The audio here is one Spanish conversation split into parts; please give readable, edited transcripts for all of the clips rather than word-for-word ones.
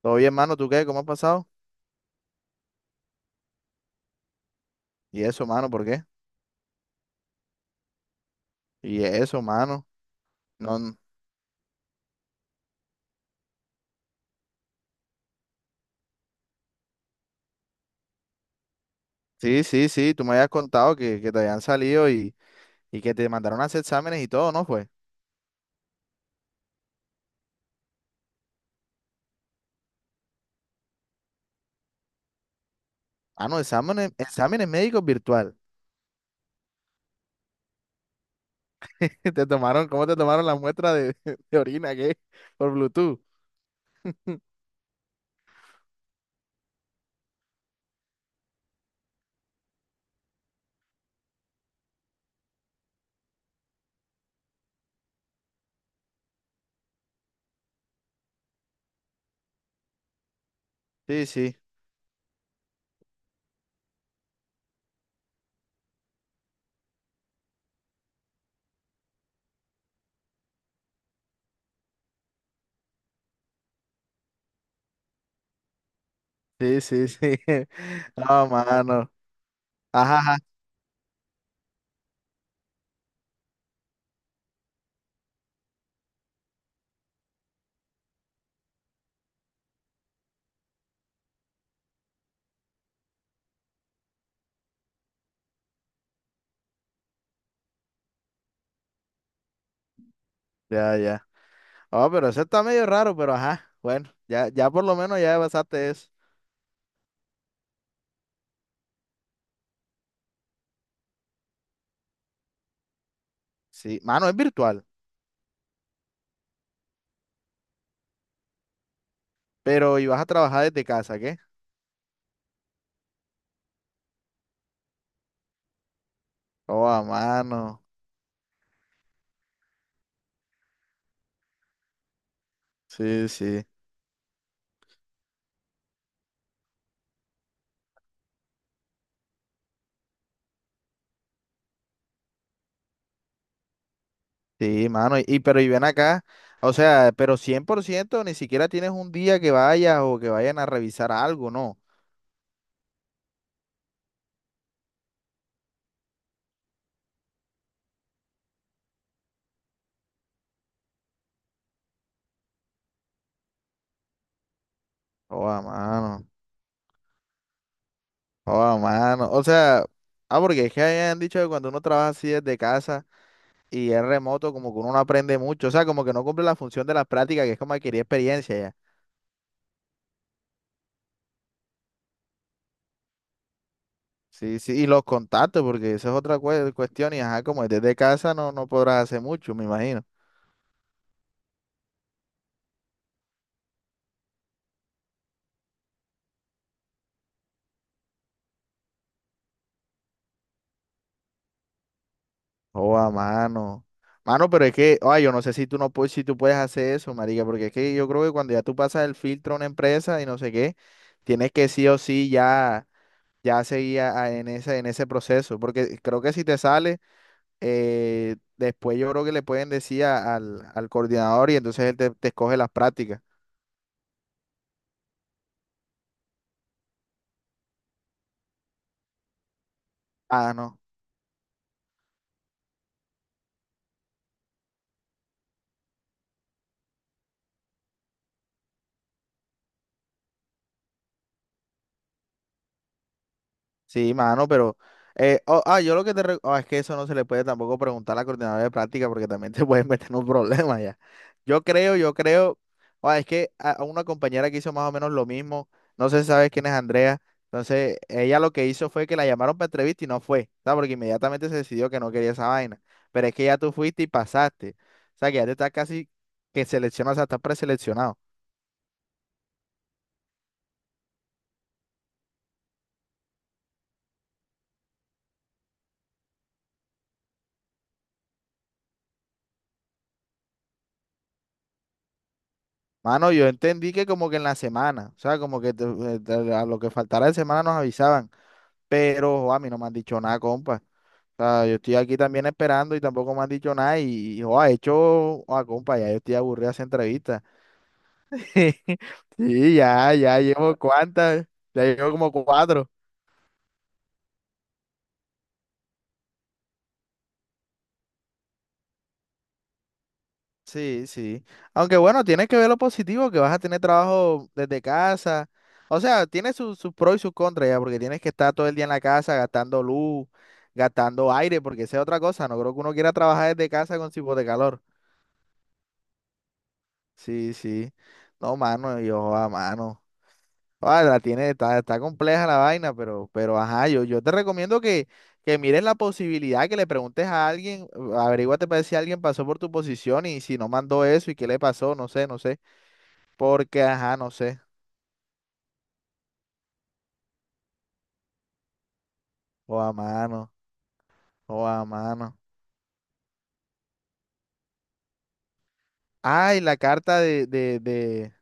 Todo bien, mano, ¿tú qué? ¿Cómo has pasado? Y eso, mano, ¿por qué? Y eso, mano. No, n- Sí, sí, sí, tú me habías contado que te habían salido y que te mandaron a hacer exámenes y todo, ¿no fue? Ah, no, exámenes, exámenes médicos virtual. Te tomaron, ¿cómo te tomaron la muestra de, de orina, qué? Por Bluetooth. Sí, sí, sí, sí, sí. No, mano. Ajá, ajá. Ya, ya. Oh, pero eso está medio raro, pero ajá. Bueno, ya, ya por lo menos ya pasaste eso. Sí, mano, es virtual, pero ibas a trabajar desde casa, ¿qué? Oh, a mano. Sí, sí. Sí, mano. Pero y ven acá. O sea, pero 100% ni siquiera tienes un día que vayas o que vayan a revisar algo, ¿no? Oh, a mano. Oh, a mano. O sea, ah, porque es que hayan dicho que cuando uno trabaja así desde casa y es remoto, como que uno no aprende mucho. O sea, como que no cumple la función de las prácticas, que es como adquirir experiencia ya. Sí, sí. Y los contactos, porque esa es otra cuestión. Y ajá, como es desde casa no podrás hacer mucho, me imagino. Oh, a mano. Mano, pero es que, ay, yo no sé si tú puedes hacer eso, marica, porque es que yo creo que cuando ya tú pasas el filtro a una empresa y no sé qué, tienes que sí o sí ya, ya seguir en ese proceso, porque creo que si te sale, después yo creo que le pueden decir al coordinador y entonces él te escoge las prácticas. Ah, no. Sí, mano, pero oh, yo lo que te... es que eso no se le puede tampoco preguntar a la coordinadora de práctica porque también te pueden meter en un problema ya. Yo creo... ah, es que a una compañera que hizo más o menos lo mismo, no sé si sabes quién es Andrea, entonces ella lo que hizo fue que la llamaron para entrevista y no fue, ¿sabes? Porque inmediatamente se decidió que no quería esa vaina. Pero es que ya tú fuiste y pasaste. O sea, que ya te estás casi que seleccionado, o sea, estás preseleccionado. Mano, yo entendí que como que en la semana, o sea, como que a lo que faltara de semana nos avisaban. Pero jo, a mí no me han dicho nada, compa. O sea, yo estoy aquí también esperando y tampoco me han dicho nada. Y, jo, ha hecho, a compa, ya yo estoy aburrido de hacer entrevistas. Sí, ya, ya llevo cuántas, ya llevo como cuatro. Sí, sí. Aunque bueno, tienes que ver lo positivo, que vas a tener trabajo desde casa. O sea, tiene sus pros y sus contras ya, porque tienes que estar todo el día en la casa gastando luz, gastando aire, porque esa es otra cosa. No creo que uno quiera trabajar desde casa con tipo de calor. Sí, sí. No, mano, yo a mano. Ah, la tiene, está, está compleja la vaina, pero ajá, yo te recomiendo que mires la posibilidad, que le preguntes a alguien, averíguate para ver si alguien pasó por tu posición y si no mandó eso y qué le pasó, no sé, no sé. Porque, ajá, no sé. O a mano, o a mano. Ay, la carta de.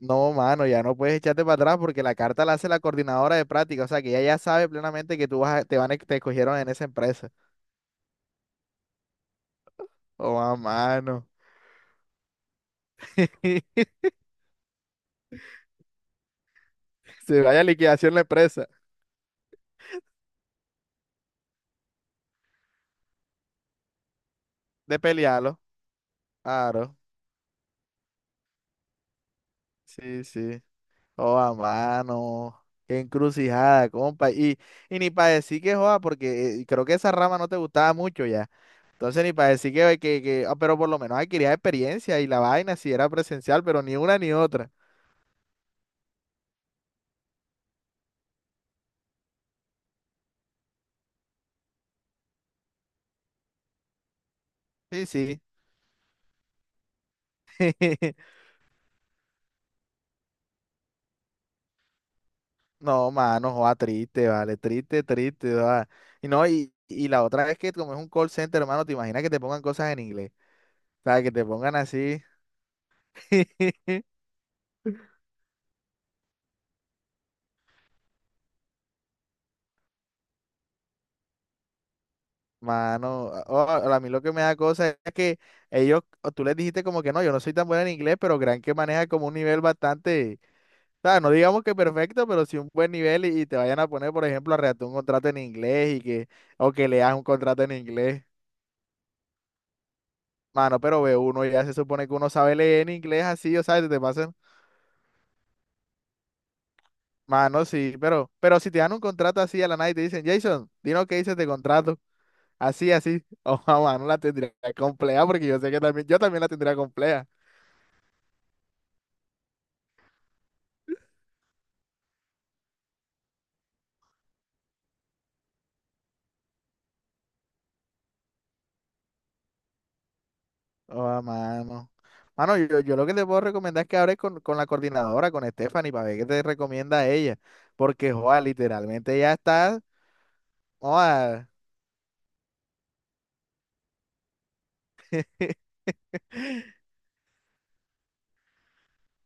No, mano, ya no puedes echarte para atrás porque la carta la hace la coordinadora de práctica. O sea que ella ya sabe plenamente que tú vas a- te van a, te escogieron en esa empresa. O a mano. Se vaya a liquidación la empresa. De pelearlo. Claro. Sí, sí. Oh, a mano. Qué encrucijada, compa. Y ni para decir que joda, porque creo que esa rama no te gustaba mucho ya. Entonces ni para decir que, pero por lo menos adquiría experiencia y la vaina si era presencial, pero ni una ni otra. Sí, sí. No, mano, joda, triste, vale, triste, triste, joda. Y no, y la otra es que como es un call center, hermano, te imaginas que te pongan cosas en inglés. O sea, que te pongan así. Mano, a oh, a mí lo que me da cosa es que ellos, o tú les dijiste como que no, yo no soy tan buena en inglés, pero crean que maneja como un nivel bastante, o sea, no digamos que perfecto, pero sí un buen nivel y te vayan a poner, por ejemplo, a redactar un contrato en inglés y que o que leas un contrato en inglés. Mano, pero ve uno, ya se supone que uno sabe leer en inglés así, o sea, te pasan. Mano, sí, pero si te dan un contrato así a la nada y te dicen, Jason, dinos qué dices de contrato, así, así, o mano, la tendría compleja porque yo sé que también, yo también la tendría compleja. Oh, mano. Mano, yo lo que te puedo recomendar es que hables con la coordinadora, con Stephanie, para ver qué te recomienda ella. Porque, joa, literalmente ya está. Joa,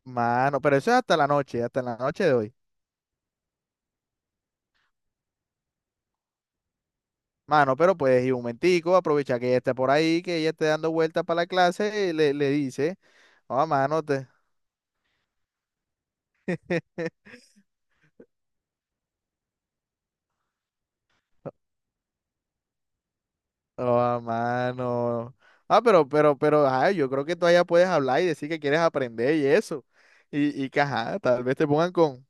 mano, pero eso es hasta la noche de hoy. Mano, pero puedes ir un momentico, aprovechar que ella está por ahí, que ella esté dando vueltas para la clase y le dice, oh, mano, te... Oh, mano. Ah, ay, yo creo que todavía puedes hablar y decir que quieres aprender y eso. Y que, ajá, tal vez te pongan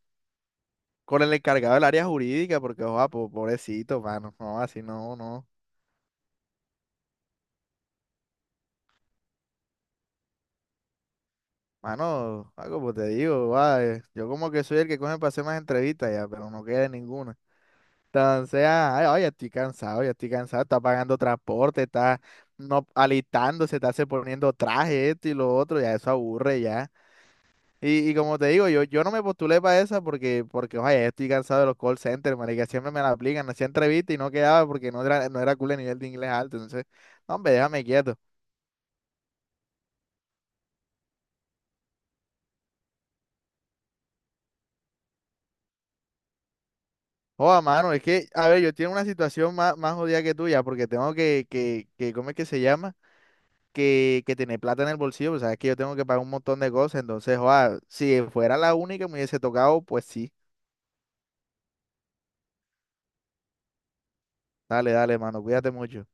con el encargado del área jurídica, porque, ojo pobrecito, mano, no, así no, no. Mano, ah, como te digo, joa, yo como que soy el que coge para hacer más entrevistas ya, pero no queda ninguna. Entonces, ah ay, ya estoy cansado, está pagando transporte, está no, alistándose, está se poniendo traje, esto y lo otro, ya eso aburre ya. Y como te digo, yo no me postulé para esa porque, oye, ya estoy cansado de los call centers, marica, siempre me la aplican, hacía entrevista y no quedaba porque no era cool el nivel de inglés alto, entonces, no, hombre, déjame quieto. Joda, mano, es que, a ver, yo tengo una situación más, más jodida que tuya, porque tengo que, ¿cómo es que se llama? Que tener plata en el bolsillo, pues sabes que yo tengo que pagar un montón de cosas, entonces, joda, si fuera la única que me hubiese tocado, pues sí. Dale, dale, mano, cuídate mucho.